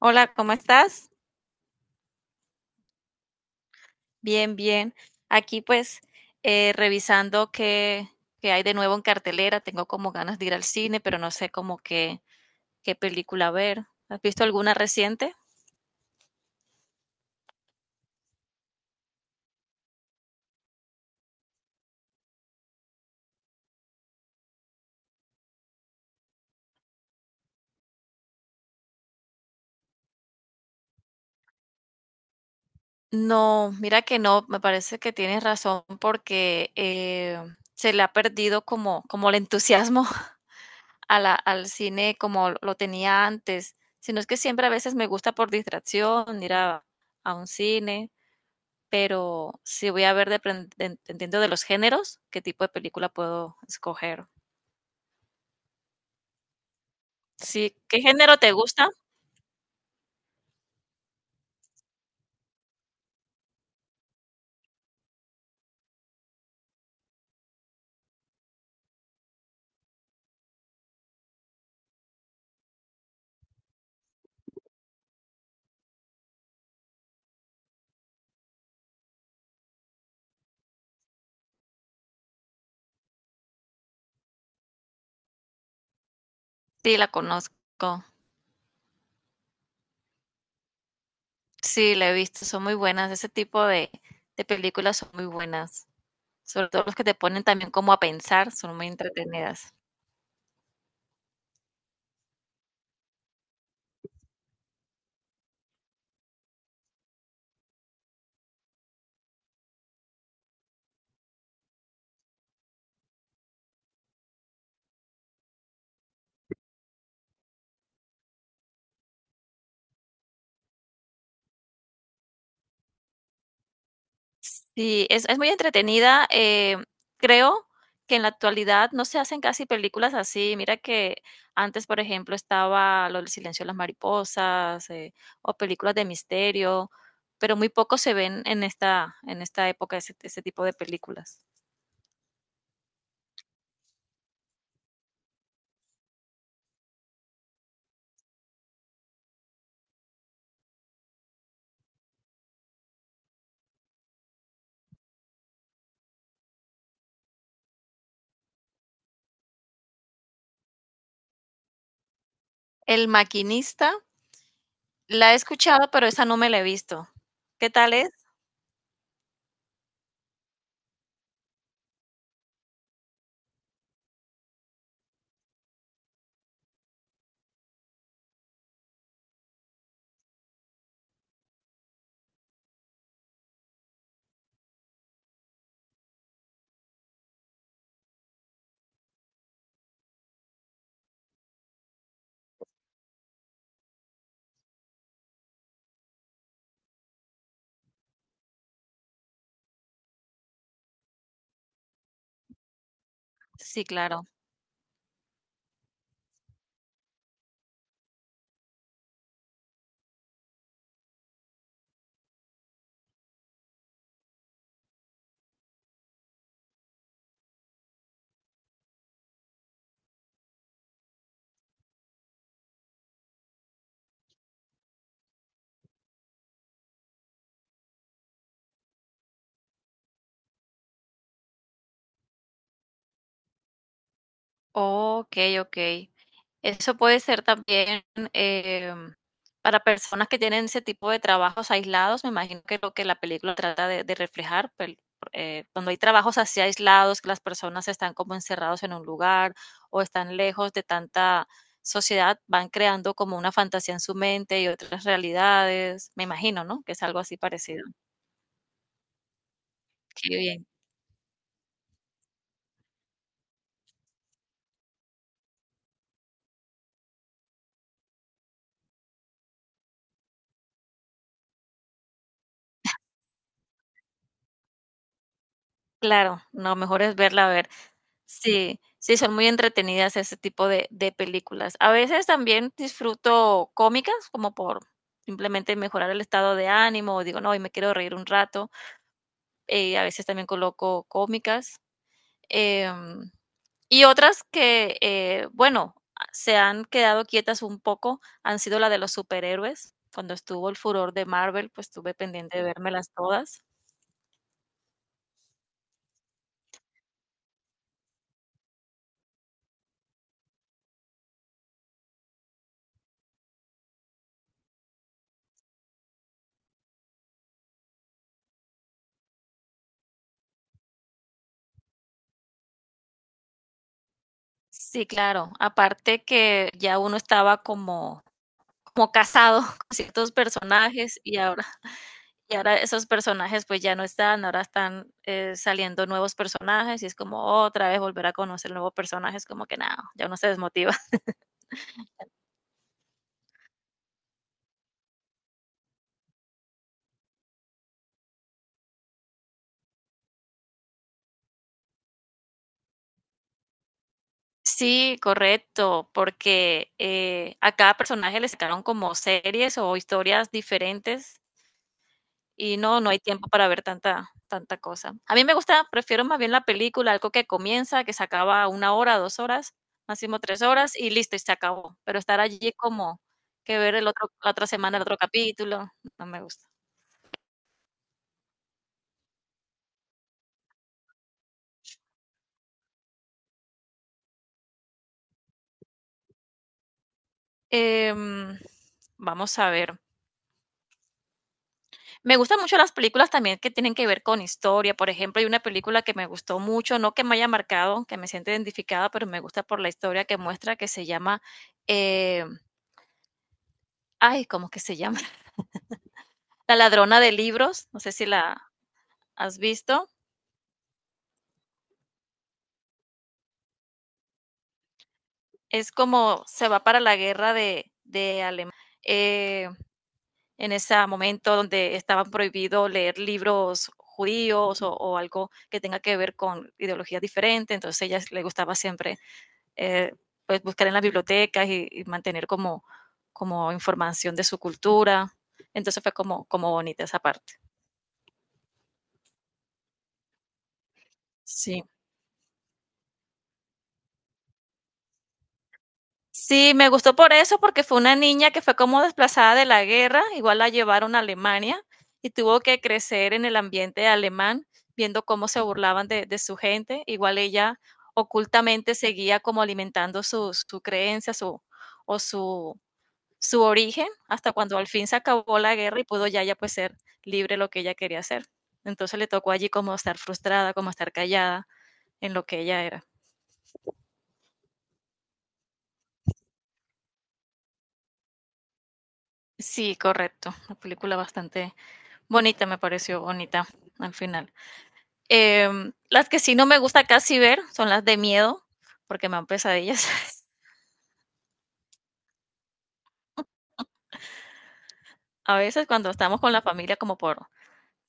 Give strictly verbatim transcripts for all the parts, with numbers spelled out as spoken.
Hola, ¿cómo estás? Bien, bien. Aquí pues eh, revisando qué, qué hay de nuevo en cartelera. Tengo como ganas de ir al cine, pero no sé como qué, qué película ver. ¿Has visto alguna reciente? No, mira que no, me parece que tienes razón porque eh, se le ha perdido como, como el entusiasmo a la- al cine como lo tenía antes. Sino es que siempre a veces me gusta por distracción ir a, a un cine. Pero sí voy a ver dependiendo de los géneros, qué tipo de película puedo escoger. Sí, ¿qué género te gusta? Sí, la conozco. Sí, la he visto, son muy buenas. Ese tipo de, de películas son muy buenas. Sobre todo los que te ponen también como a pensar, son muy entretenidas. Sí, es, es muy entretenida. Eh, creo que en la actualidad no se hacen casi películas así. Mira que antes, por ejemplo, estaba lo del silencio de las mariposas, eh, o películas de misterio, pero muy poco se ven en esta, en esta época ese, ese tipo de películas. El maquinista, la he escuchado, pero esa no me la he visto. ¿Qué tal es? Sí, claro. Okey, okey. Eso puede ser también, em, para personas que tienen ese tipo de trabajos aislados, me imagino que lo que la película trata de de reflejar, pel eh, cuando hay trabajos así aislados, que las personas están como encerrados en un lugar o están lejos de tanta sociedad, van creando como una fantasía en su mente y otras realidades. Me imagino, ¿no?, que es algo así parecido. Qué bien. Claro, no, mejor es verla, a ver. Sí, sí, son muy entretenidas ese tipo de de películas. A veces también disfruto cómicas, como por simplemente mejorar el estado de ánimo, o digo: "No, hoy me quiero reír un rato", eh, a veces también coloco cómicas, em, y otras que, eh, bueno, ah, se han quedado quietas un poco, han sido la de los superhéroes. Cuando estuvo el furor de Marvel, pues, estuve pendiente de vérmelas todas. Sí, claro, aparte que ya uno estaba como como casado con ciertos personajes y ahora, y ahora esos personajes pues ya no están, ahora están eh, saliendo nuevos personajes y es como otra vez volver a conocer nuevos personajes, como que nada, ya uno se desmotiva. Sí, correcto, porque eh, a cada personaje le sacaron como series o historias diferentes. Y no, no hay tiempo para ver tanta tanta cosa. A mí me gusta, prefiero más bien la película, algo que comienza, que se acaba una hora, dos horas, máximo tres horas y listo, y se acabó. Pero estar allí como que ver el otro, la otra semana, el otro capítulo, no me gusta. Em, Vamos a ver. Me gustan mucho las películas también que tienen que ver con historia. Por ejemplo, hay una película que me gustó mucho, no que me haya marcado, que me siente identificada, pero me gusta por la historia que muestra, que se llama, eh, ay, ¿cómo que se llama? La ladrona de libros, no sé si la has visto, es como se va para la guerra de, de Alemania. eh, en ese momento donde estaban prohibidos leer libros judíos o, o algo que tenga que ver con ideologías diferentes, entonces a ella le gustaba siempre eh, pues buscar en las bibliotecas y, y mantener como, como información de su cultura, entonces fue como, como bonita esa parte. Sí. Sí, me gustó por eso, porque fue una niña que fue como desplazada de la guerra, igual la llevaron a Alemania y tuvo que crecer en el ambiente alemán, viendo cómo se burlaban de, de su gente. Igual ella ocultamente seguía como alimentando su, su creencia, su, o su, su origen, hasta cuando al fin se acabó la guerra y pudo ya, ya pues ser libre lo que ella quería hacer. Entonces le tocó allí como estar frustrada, como estar callada en lo que ella era. Sí, correcto. Una película bastante bonita, me pareció bonita al final. Em, las que sí no me gusta casi ver son las de miedo, porque me dan pesadillas. A veces cuando estamos con la familia como por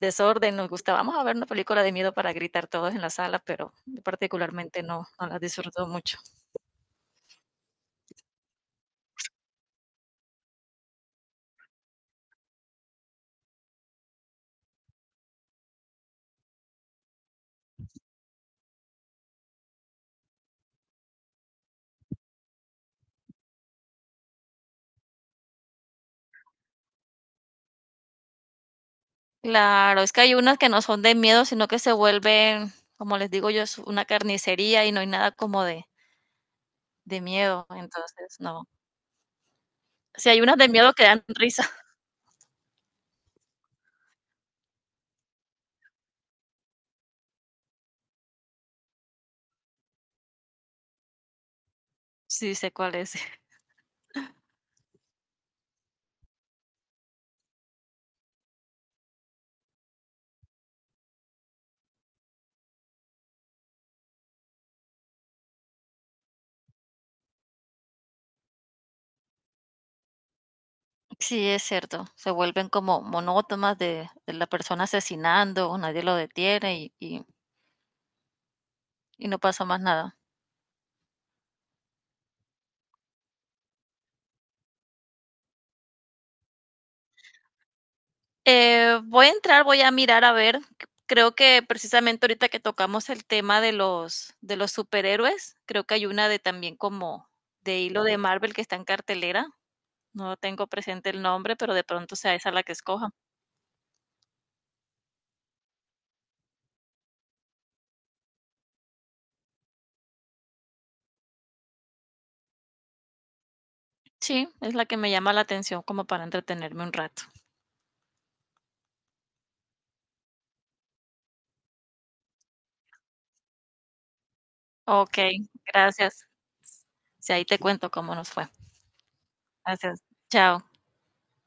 desorden, nos gusta, vamos a ver una película de miedo para gritar todos en la sala, pero yo particularmente no, no las disfruto mucho. Claro, es que hay unas que no son de miedo, sino que se vuelven, como les digo yo, es una carnicería y no hay nada como de, de miedo, entonces no. Si hay unas de miedo que dan risa, sí sé cuál es. Sí, es cierto, se vuelven como monótonas de, de la persona asesinando, nadie lo detiene y, y- y no pasa más nada. Eh, voy a entrar, voy a mirar a ver. c- Creo que precisamente ahorita que tocamos el tema de los de los superhéroes, creo que hay una de también como de hilo de Marvel que está en cartelera. No tengo presente el nombre, pero de pronto sea esa la que escoja. Sí, es la que me llama la atención como para entretenerme un rato. Ok, gracias. Si ahí te cuento cómo nos fue. Gracias. Chao.